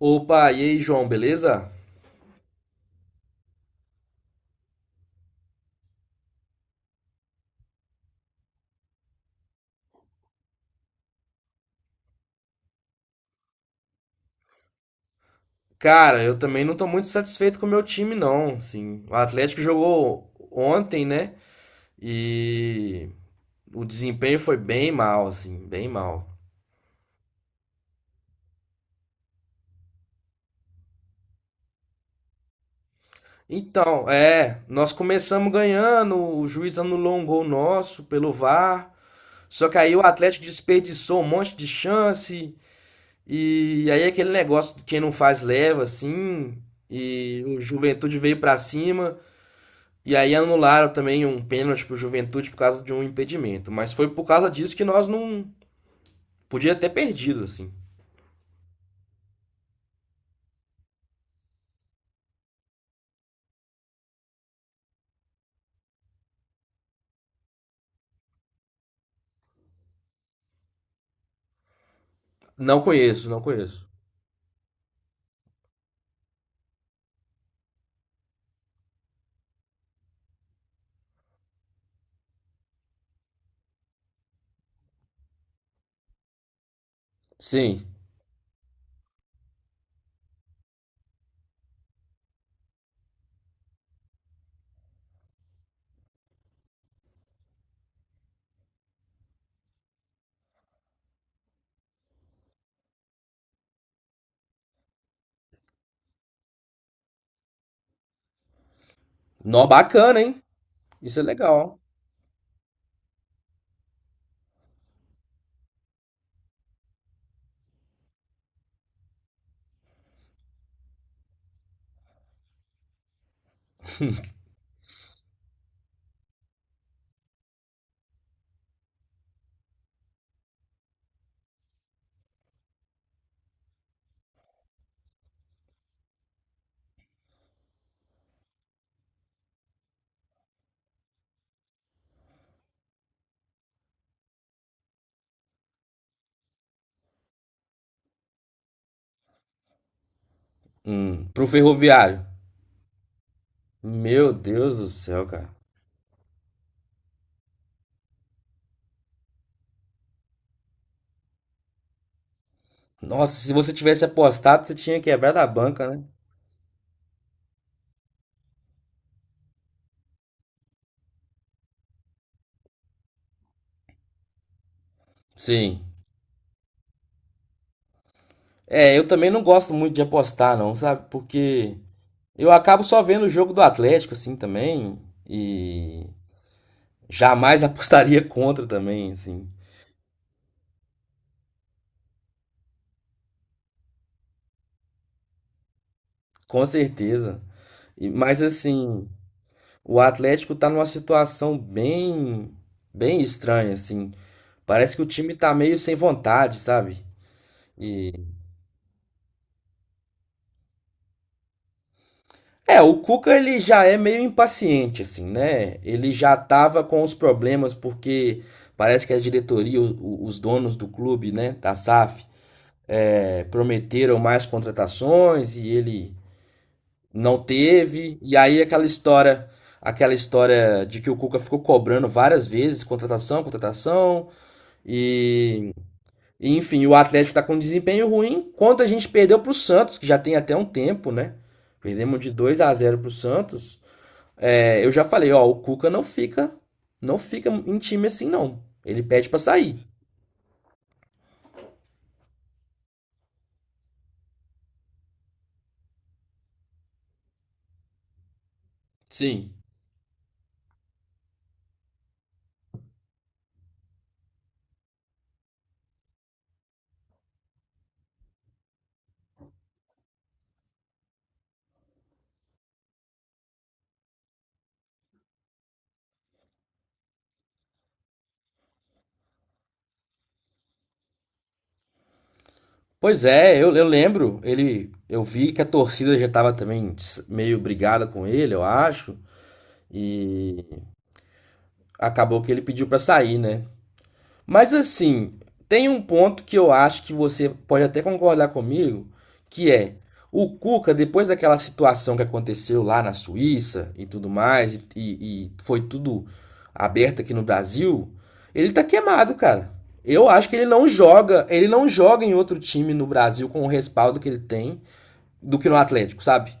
Opa, e aí, João, beleza? Cara, eu também não tô muito satisfeito com o meu time, não. Assim, o Atlético jogou ontem, né? E o desempenho foi bem mal, assim, bem mal. Então, nós começamos ganhando, o juiz anulou um gol nosso pelo VAR, só que aí o Atlético desperdiçou um monte de chance, e aí aquele negócio de quem não faz leva, assim, e o Juventude veio pra cima. E aí anularam também um pênalti pro Juventude por causa de um impedimento. Mas foi por causa disso que nós não. Podia ter perdido, assim. Não conheço, não conheço. Sim. Nó, bacana, hein? Isso é legal. Hum. Pro ferroviário. Meu Deus do céu, cara. Nossa, se você tivesse apostado, você tinha quebrado a banca, né? Sim. É, eu também não gosto muito de apostar, não, sabe? Porque eu acabo só vendo o jogo do Atlético, assim, também. E jamais apostaria contra também, assim. Com certeza. Mas assim, o Atlético tá numa situação bem estranha, assim. Parece que o time tá meio sem vontade, sabe? E é, o Cuca ele já é meio impaciente, assim, né? Ele já tava com os problemas porque parece que a diretoria, os donos do clube, né, da SAF, prometeram mais contratações e ele não teve. E aí aquela história de que o Cuca ficou cobrando várias vezes, contratação, contratação, e, enfim, o Atlético tá com um desempenho ruim, quanto a gente perdeu pro Santos, que já tem até um tempo, né? Perdemos de 2 a 0 pro Santos. É, eu já falei, ó, o Cuca não fica, não fica em time assim não. Ele pede para sair. Sim. Pois é, eu lembro, ele, eu vi que a torcida já tava também meio brigada com ele, eu acho. E acabou que ele pediu pra sair, né? Mas assim, tem um ponto que eu acho que você pode até concordar comigo, que é o Cuca, depois daquela situação que aconteceu lá na Suíça e tudo mais, e foi tudo aberto aqui no Brasil, ele tá queimado, cara. Eu acho que ele não joga em outro time no Brasil com o respaldo que ele tem do que no Atlético, sabe?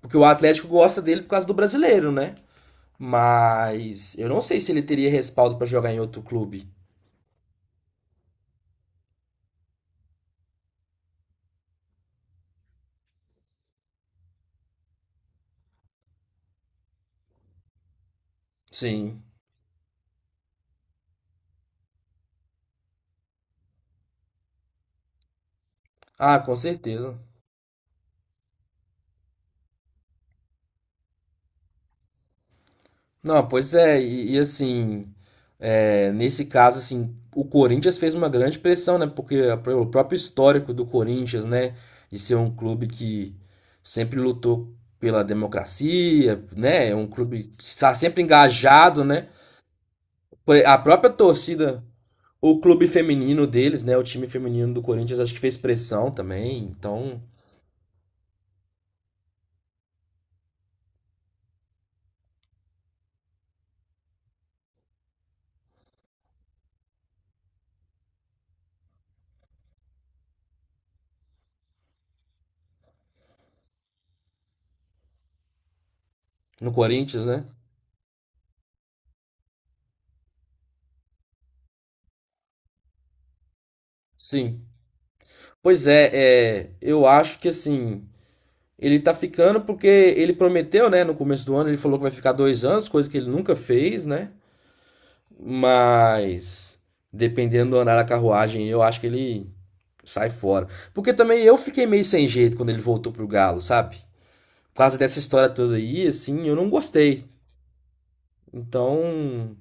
Porque o Atlético gosta dele por causa do brasileiro, né? Mas eu não sei se ele teria respaldo pra jogar em outro clube. Sim. Ah, com certeza. Não, pois é, e assim, nesse caso, assim, o Corinthians fez uma grande pressão, né? Porque o próprio histórico do Corinthians, né? De ser um clube que sempre lutou pela democracia, né? É um clube que está sempre engajado, né? A própria torcida, o clube feminino deles, né? O time feminino do Corinthians, acho que fez pressão também. Então, no Corinthians, né? Sim. Pois é, eu acho que assim, ele tá ficando porque ele prometeu, né? No começo do ano, ele falou que vai ficar dois anos, coisa que ele nunca fez, né? Mas dependendo do andar da carruagem, eu acho que ele sai fora. Porque também eu fiquei meio sem jeito quando ele voltou pro Galo, sabe? Por causa dessa história toda aí, assim, eu não gostei. Então,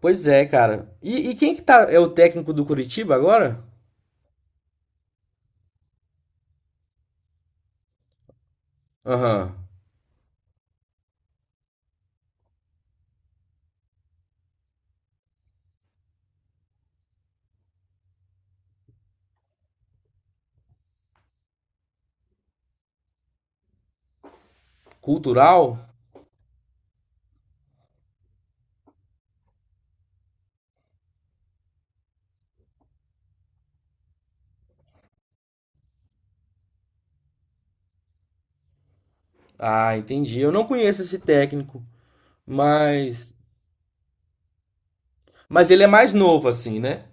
pois é, cara. E quem que tá. É o técnico do Curitiba agora? Aham. Cultural? Ah, entendi. Eu não conheço esse técnico, mas mas ele é mais novo assim, né?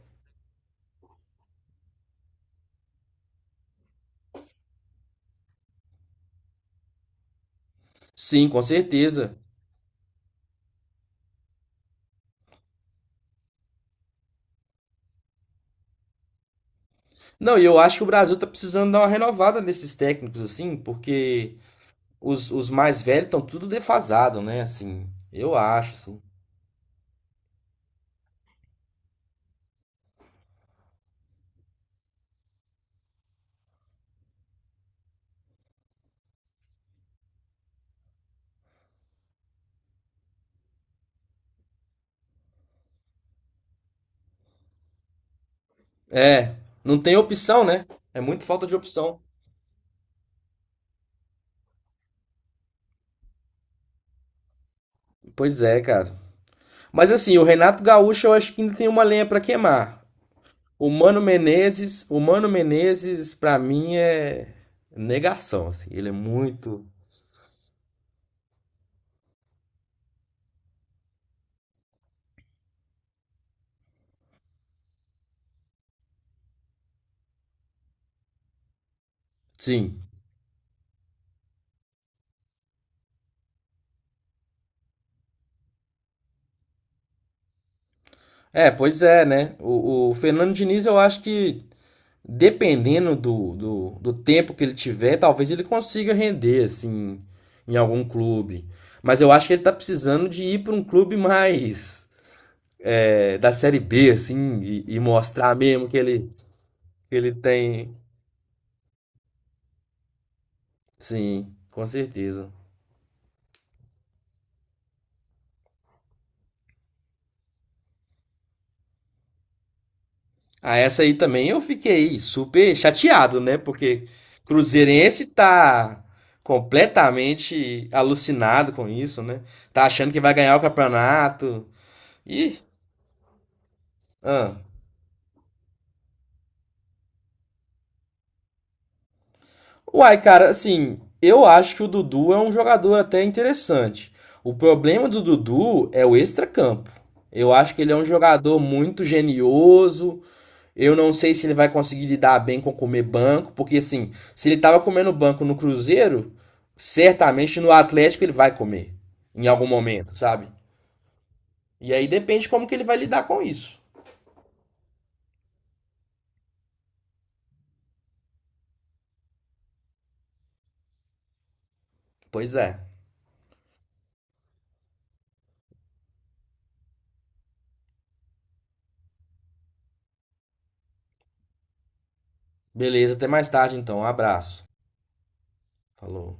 Sim, com certeza. Não, e eu acho que o Brasil tá precisando dar uma renovada nesses técnicos assim, porque os mais velhos estão tudo defasado, né? Assim, eu acho assim. É, não tem opção, né? É muito falta de opção. Pois é, cara. Mas assim, o Renato Gaúcho eu acho que ainda tem uma lenha pra queimar. O Mano Menezes pra mim é negação, assim. Ele é muito. Sim. Pois é, né? O Fernando Diniz, eu acho que dependendo do tempo que ele tiver, talvez ele consiga render, assim, em algum clube. Mas eu acho que ele tá precisando de ir para um clube mais, da Série B, assim, e mostrar mesmo que ele tem. Sim, com certeza. Ah, essa aí também eu fiquei super chateado, né? Porque Cruzeirense tá completamente alucinado com isso, né? Tá achando que vai ganhar o campeonato. Ih, ah. Uai, cara, assim, eu acho que o Dudu é um jogador até interessante. O problema do Dudu é o extracampo. Eu acho que ele é um jogador muito genioso. Eu não sei se ele vai conseguir lidar bem com comer banco, porque assim, se ele estava comendo banco no Cruzeiro, certamente no Atlético ele vai comer em algum momento, sabe? E aí depende como que ele vai lidar com isso. Pois é. Beleza, até mais tarde então. Um abraço. Falou.